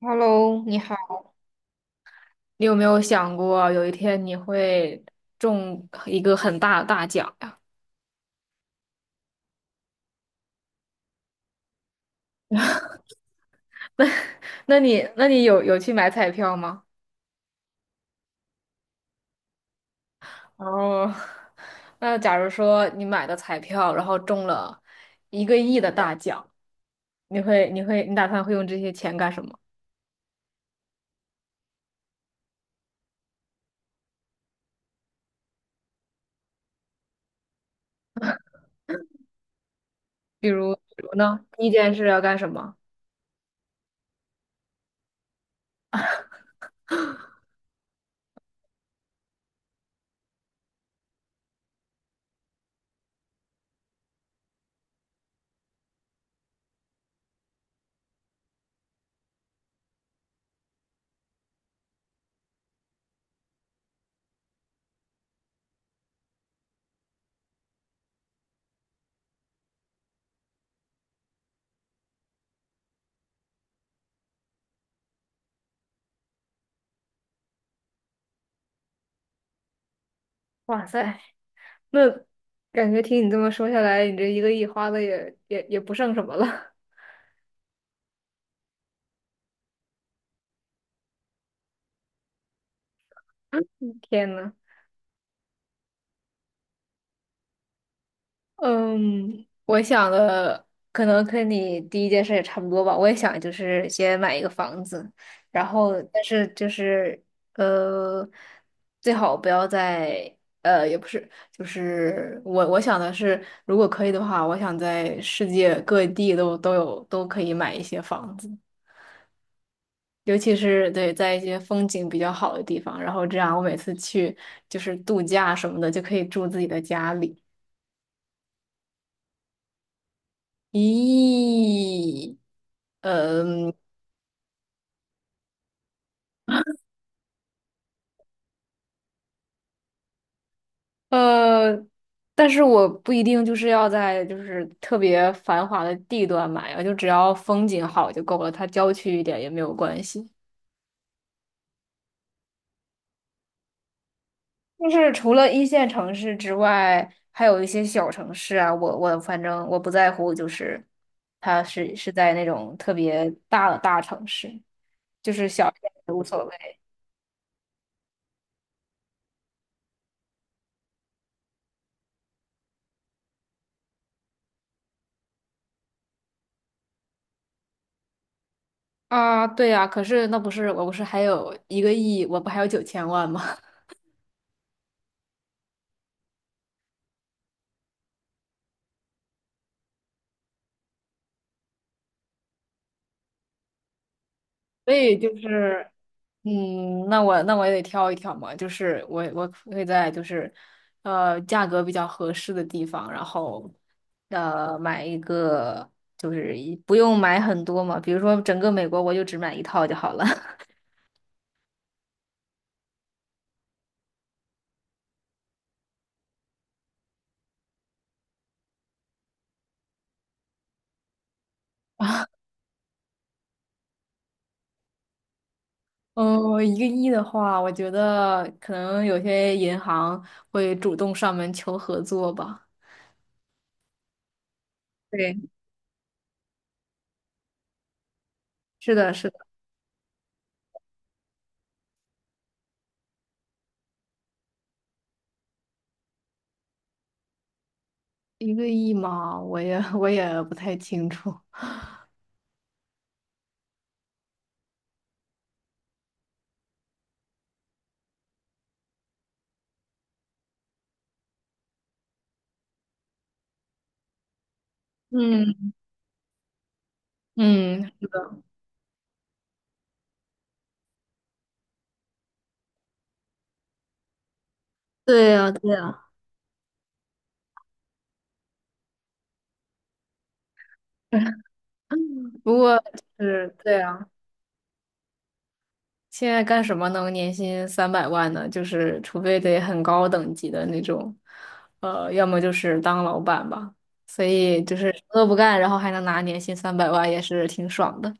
Hello，你好。你有没有想过有一天你会中一个很大的大奖呀？那你有去买彩票吗？哦，那假如说你买的彩票，然后中了一个亿的大奖，你打算会用这些钱干什么？比如呢？第一件事要干什么？哇塞 那感觉听你这么说下来，你这一个亿花的也不剩什么了。天呐！嗯，我想的可能跟你第一件事也差不多吧。我也想就是先买一个房子，然后但是就是呃，最好不要在也不是，就是我想的是，如果可以的话，我想在世界各地都可以买一些房子，尤其是对在一些风景比较好的地方，然后这样我每次去就是度假什么的就可以住自己的家里。咦，嗯呃，但是我不一定就是要在就是特别繁华的地段买啊，就只要风景好就够了，它郊区一点也没有关系。就是除了一线城市之外，还有一些小城市啊，我反正我不在乎，就是它是在那种特别大的大城市，就是小一点也无所谓啊。对呀，可是那不是我不是还有一个亿，我不还有9000万吗？所以就是，那我也得挑一挑嘛，就是我会在就是，价格比较合适的地方，然后，买一个就是不用买很多嘛，比如说整个美国我就只买一套就好了。嗯，一个亿的话，我觉得可能有些银行会主动上门求合作吧。对，是的，是的，一个亿嘛，我也不太清楚。嗯嗯，对呀，对呀。不过就是对啊，现在干什么能年薪三百万呢？就是除非得很高等级的那种，要么就是当老板吧。所以就是什么都不干，然后还能拿年薪三百万，也是挺爽的。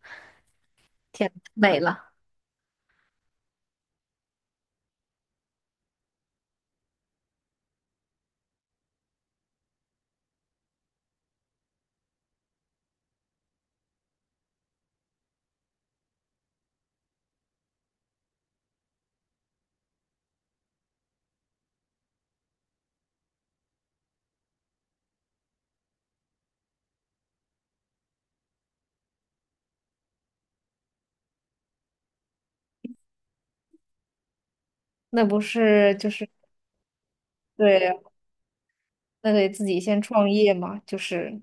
天，美了！那不是就是对呀那得自己先创业嘛，就是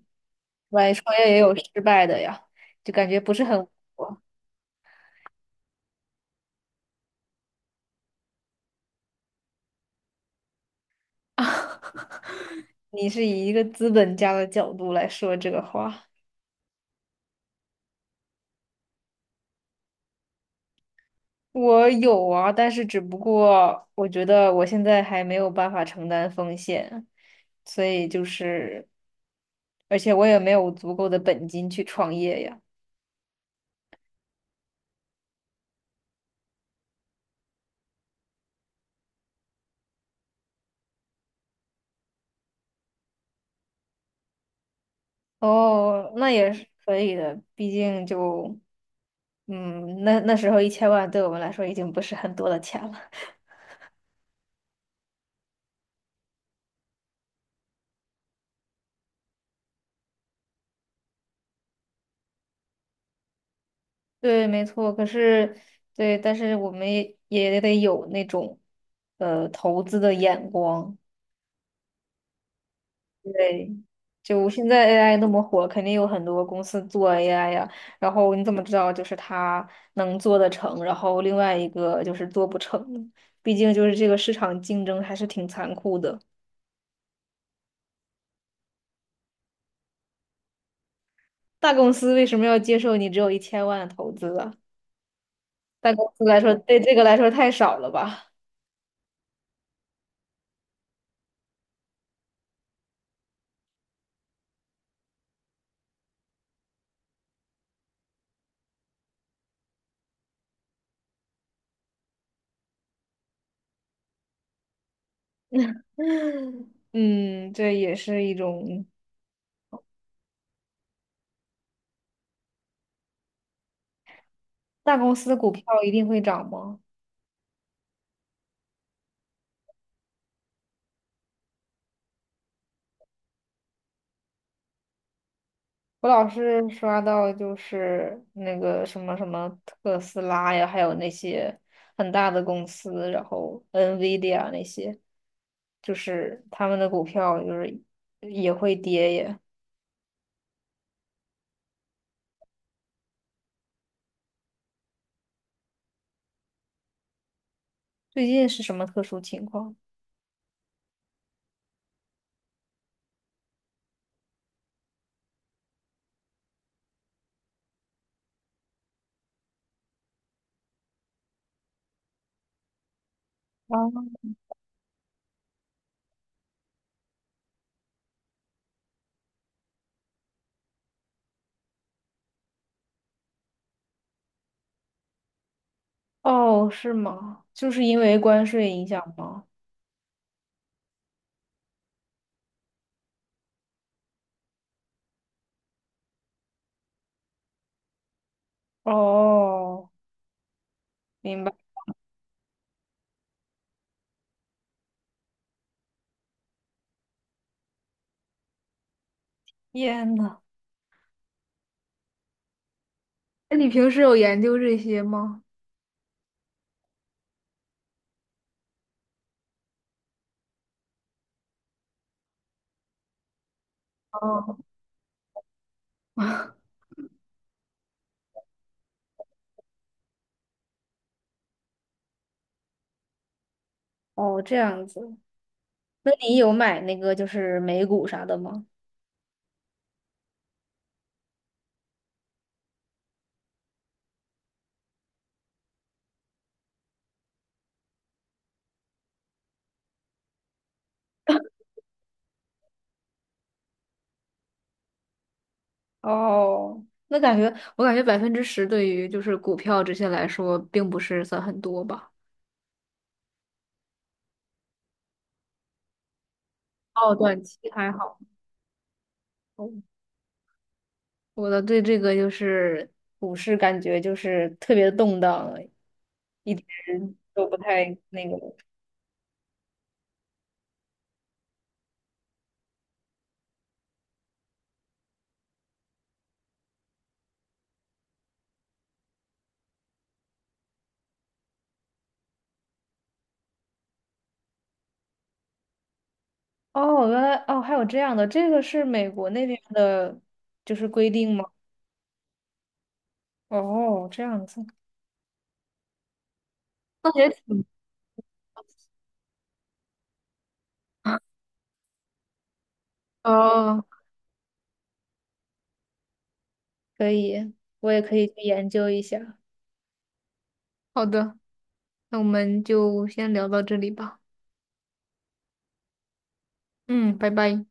万一创业也有失败的呀，就感觉不是很稳妥 你是以一个资本家的角度来说这个话。我有啊，但是只不过我觉得我现在还没有办法承担风险，所以就是，而且我也没有足够的本金去创业呀。哦，那也是可以的，毕竟就，那时候一千万对我们来说已经不是很多的钱了。对，没错。可是，对，但是我们也得有那种，投资的眼光。对，就现在 AI 那么火，肯定有很多公司做 AI 呀。然后你怎么知道就是它能做得成，然后另外一个就是做不成呢？毕竟就是这个市场竞争还是挺残酷的。大公司为什么要接受你只有一千万的投资啊？大公司来说，对这个来说太少了吧？嗯，这也是一种。大公司的股票一定会涨吗？我老是刷到就是那个什么什么特斯拉呀，还有那些很大的公司，然后 NVIDIA 那些，就是他们的股票就是也会跌耶。最近是什么特殊情况？哦，哦，是吗？就是因为关税影响吗？哦，明白。天呐，那你平时有研究这些吗？哦，哦，这样子。那你有买那个就是美股啥的吗？哦，那感觉我感觉10%对于就是股票这些来说，并不是算很多吧。哦，短期还好。哦我的对这个就是股市感觉就是特别动荡，人都不太那个。哦，原来哦还有这样的，这个是美国那边的，就是规定吗？哦，这样子，那也挺 哦，可以，我也可以去研究一下。好的，那我们就先聊到这里吧。嗯，拜拜。